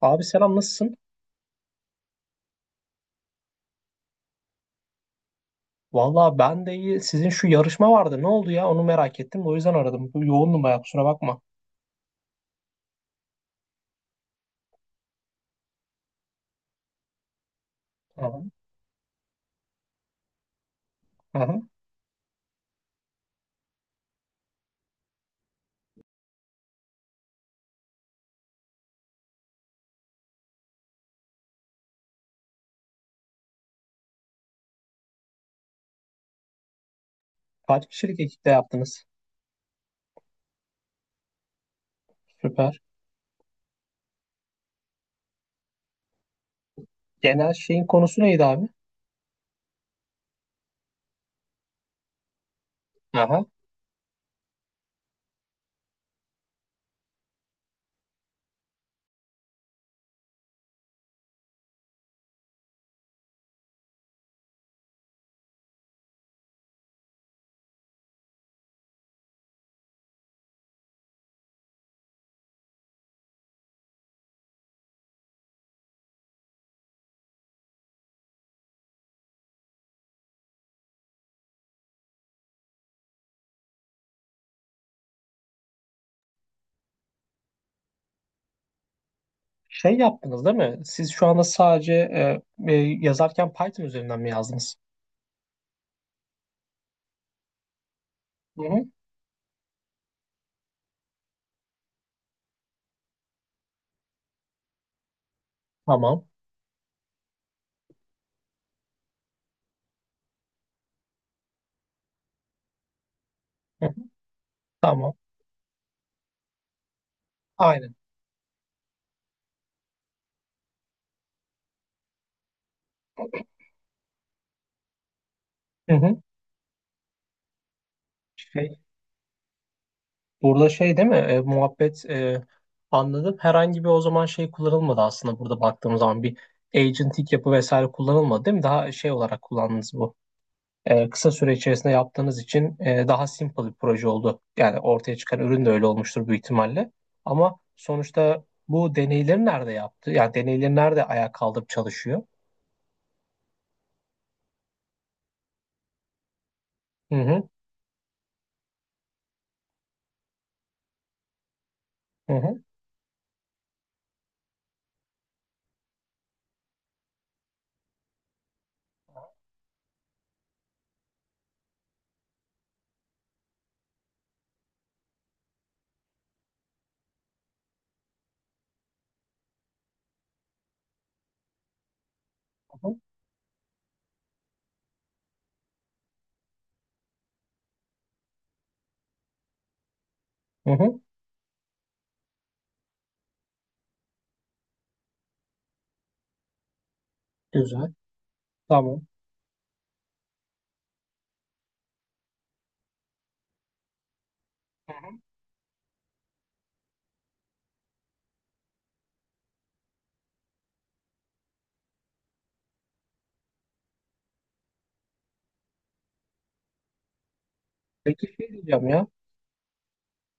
Abi selam nasılsın? Valla ben de iyi. Sizin şu yarışma vardı. Ne oldu ya? Onu merak ettim. O yüzden aradım. Yoğundum bayağı, kusura bakma. Aha, aha. Kaç kişilik ekipte yaptınız? Süper. Genel şeyin konusu neydi abi? Aha. Şey yaptınız değil mi? Siz şu anda sadece e, e, yazarken Python üzerinden mi yazdınız? Hı hı. Tamam. Hı hı. Tamam. Aynen. Hı hı. Şey, Burada şey değil mi? Muhabbet, anladım. Herhangi bir o zaman şey kullanılmadı aslında, burada baktığım zaman bir agentik yapı vesaire kullanılmadı değil mi? Daha şey olarak kullandınız bu. Kısa süre içerisinde yaptığınız için daha simple bir proje oldu. Yani ortaya çıkan ürün de öyle olmuştur büyük ihtimalle. Ama sonuçta bu deneyleri nerede yaptı? Yani deneyleri nerede ayağa kaldırıp çalışıyor? Hı hı. Hı hı. Hı hı. Hı hı. Güzel. Tamam. Hı hı. Peki şey diyeceğim ya.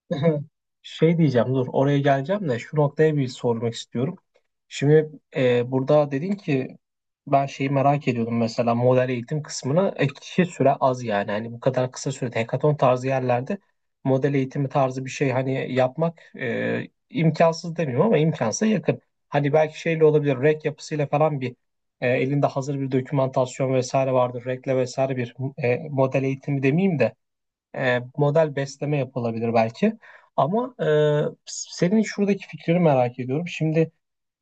Şey diyeceğim, dur, oraya geleceğim de şu noktaya bir sormak istiyorum. Şimdi burada dedin ki, ben şeyi merak ediyordum, mesela model eğitim kısmını, kişi süre az, yani hani bu kadar kısa sürede hekaton tarzı yerlerde model eğitimi tarzı bir şey hani yapmak, imkansız demiyorum ama imkansa yakın. Hani belki şeyle olabilir, REC yapısıyla falan bir, elinde hazır bir dokümantasyon vesaire vardır, REC'le vesaire bir, model eğitimi demeyeyim de, model besleme yapılabilir belki. Ama senin şuradaki fikrini merak ediyorum. Şimdi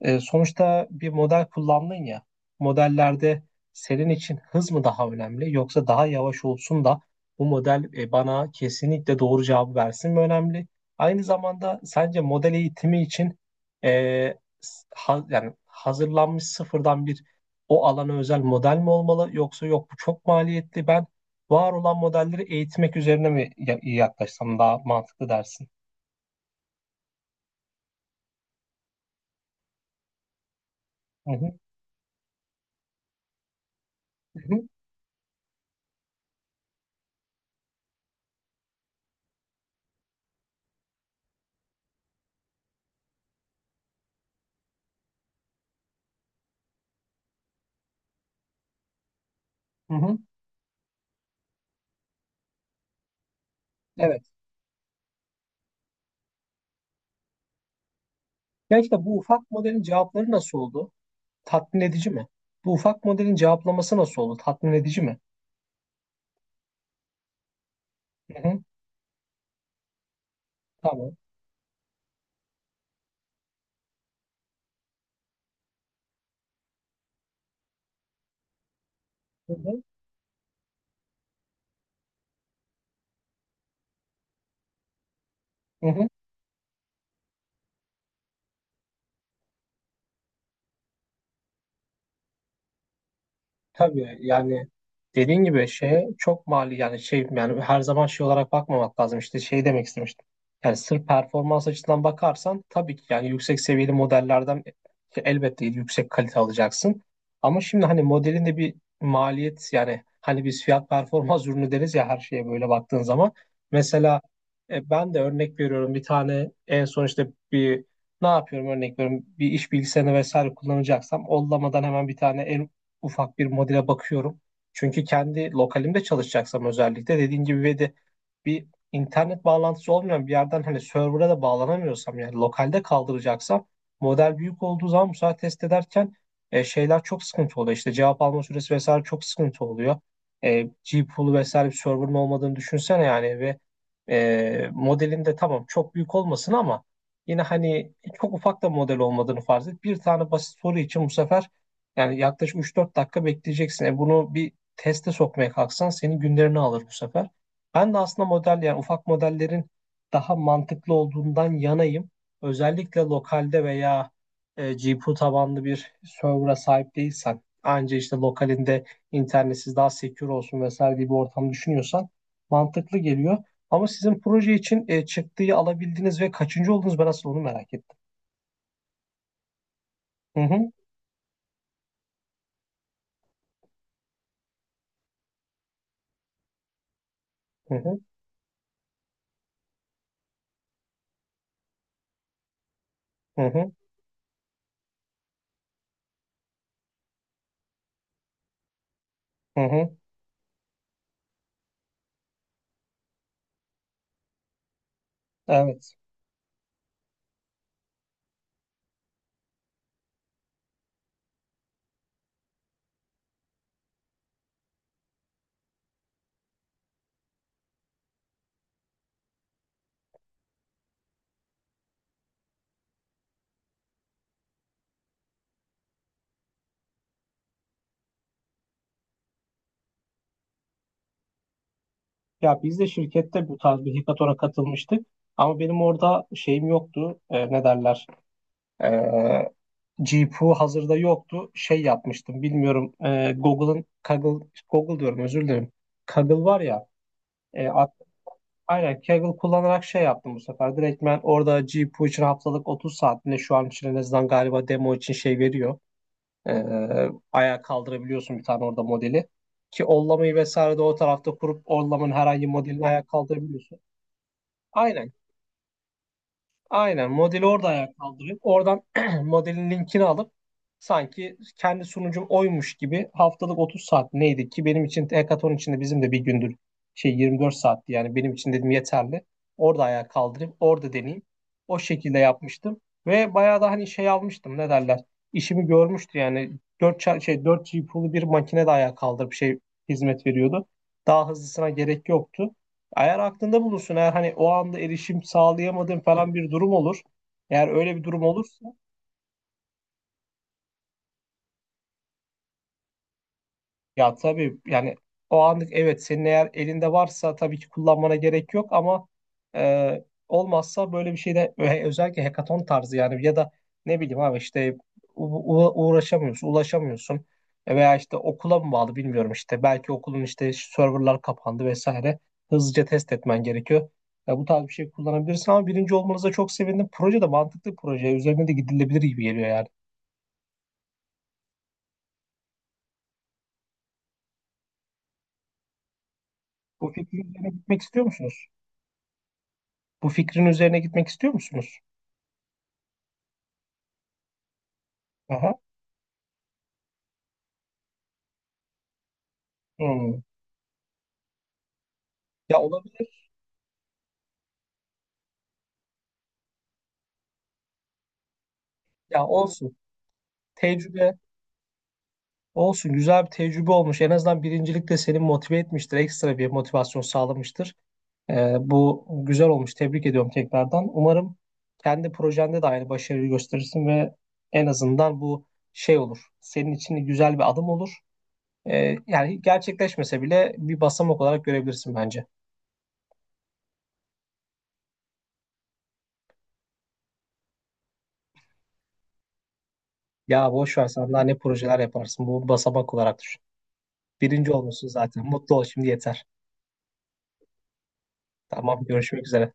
sonuçta bir model kullandın ya. Modellerde senin için hız mı daha önemli, yoksa daha yavaş olsun da bu model bana kesinlikle doğru cevabı versin mi önemli? Aynı zamanda sence model eğitimi için, e, yani hazırlanmış sıfırdan bir o alana özel model mi olmalı, yoksa yok bu çok maliyetli, ben var olan modelleri eğitmek üzerine mi yaklaşsam daha mantıklı dersin? Hı hı, hı hı, hı hı. Evet. Gerçekten bu ufak modelin cevapları nasıl oldu? Tatmin edici mi? Bu ufak modelin cevaplaması nasıl oldu? Tatmin edici mi? Hı hı, tamam. Hı hı, hı hı. Tabii yani dediğin gibi şey çok mali, yani şey, yani her zaman şey olarak bakmamak lazım, işte şey demek istemiştim. Yani sırf performans açısından bakarsan tabii ki yani yüksek seviyeli modellerden elbette yüksek kalite alacaksın. Ama şimdi hani modelin de bir maliyet, yani hani biz fiyat performans ürünü deriz ya, her şeye böyle baktığın zaman. Mesela ben de örnek veriyorum, bir tane en son işte bir, ne yapıyorum, örnek veriyorum, bir iş bilgisayarını vesaire kullanacaksam ollamadan hemen bir tane ufak bir modele bakıyorum. Çünkü kendi lokalimde çalışacaksam, özellikle dediğin gibi bir internet bağlantısı olmayan bir yerden, hani server'a da bağlanamıyorsam, yani lokalde kaldıracaksam, model büyük olduğu zaman bu sefer test ederken şeyler çok sıkıntı oluyor. İşte cevap alma süresi vesaire çok sıkıntı oluyor. E, GPoo'lu vesaire bir server'ın olmadığını düşünsene yani, ve modelin de tamam çok büyük olmasın ama yine hani çok ufak da model olmadığını farz et. Bir tane basit soru için bu sefer yani yaklaşık üç dört dakika bekleyeceksin. Bunu bir teste sokmaya kalksan senin günlerini alır bu sefer. Ben de aslında, model yani ufak modellerin daha mantıklı olduğundan yanayım. Özellikle lokalde veya GPU tabanlı bir server'a sahip değilsen, anca işte lokalinde internetsiz daha secure olsun vesaire diye bir ortam düşünüyorsan mantıklı geliyor. Ama sizin proje için çıktıyı alabildiniz ve kaçıncı oldunuz, ben aslında onu merak ettim. Hı hı, hı hı, hı hı, hı hı. Evet. Ya biz de şirkette bu tarz bir hackathon'a katılmıştık. Ama benim orada şeyim yoktu. Ne derler? E, GPU hazırda yoktu. Şey yapmıştım. Bilmiyorum. Google'ın Kaggle, Google diyorum, özür dilerim. Kaggle var ya. E, at- aynen, Kaggle kullanarak şey yaptım bu sefer. Direkt ben orada GPU için haftalık 30 saatinde, şu an için en azından galiba, demo için şey veriyor. E, Ayağa kaldırabiliyorsun bir tane orada modeli. Ki ollamayı vesaire de o tarafta kurup ollamanın herhangi modelini ayağa kaldırabiliyorsun. Aynen. Aynen, modeli orada ayağa kaldırıp oradan modelin linkini alıp sanki kendi sunucum oymuş gibi, haftalık 30 saat neydi ki, benim için hackathon içinde bizim de bir gündür şey 24 saatti, yani benim için dedim yeterli. Orada ayağa kaldırıp orada deneyeyim. O şekilde yapmıştım ve bayağı da hani şey almıştım, ne derler, işimi görmüştü yani, 4 şey 4 GPU'lu bir makine de ayağa kaldırıp şey hizmet veriyordu. Daha hızlısına gerek yoktu. Eğer aklında bulunsun, eğer hani o anda erişim sağlayamadığın falan bir durum olur, eğer öyle bir durum olursa. Ya tabii yani, o anlık evet, senin eğer elinde varsa tabii ki kullanmana gerek yok, ama e, olmazsa böyle bir şeyde özellikle hackathon tarzı, yani ya da ne bileyim abi, işte uğraşamıyorsun, ulaşamıyorsun. Veya işte okula mı bağlı bilmiyorum, işte belki okulun işte serverlar kapandı vesaire, hızlıca test etmen gerekiyor. Ya, bu tarz bir şey kullanabilirsin. Ama birinci olmanıza çok sevindim. Proje de mantıklı bir proje. Üzerine de gidilebilir gibi geliyor yani. Bu fikrin üzerine gitmek istiyor musunuz? Bu fikrin üzerine gitmek istiyor musunuz? Aha. Hmm. Ya, olabilir. Ya, olsun. Tecrübe olsun. Güzel bir tecrübe olmuş. En azından birincilik de seni motive etmiştir. Ekstra bir motivasyon sağlamıştır. Bu güzel olmuş. Tebrik ediyorum tekrardan. Umarım kendi projende de aynı başarıyı gösterirsin ve en azından bu şey olur, senin için güzel bir adım olur. Yani gerçekleşmese bile bir basamak olarak görebilirsin bence. Ya boş ver, sen daha ne projeler yaparsın. Bu basamak olarak düşün. Birinci olmuşsun zaten. Mutlu ol şimdi, yeter. Tamam, görüşmek üzere.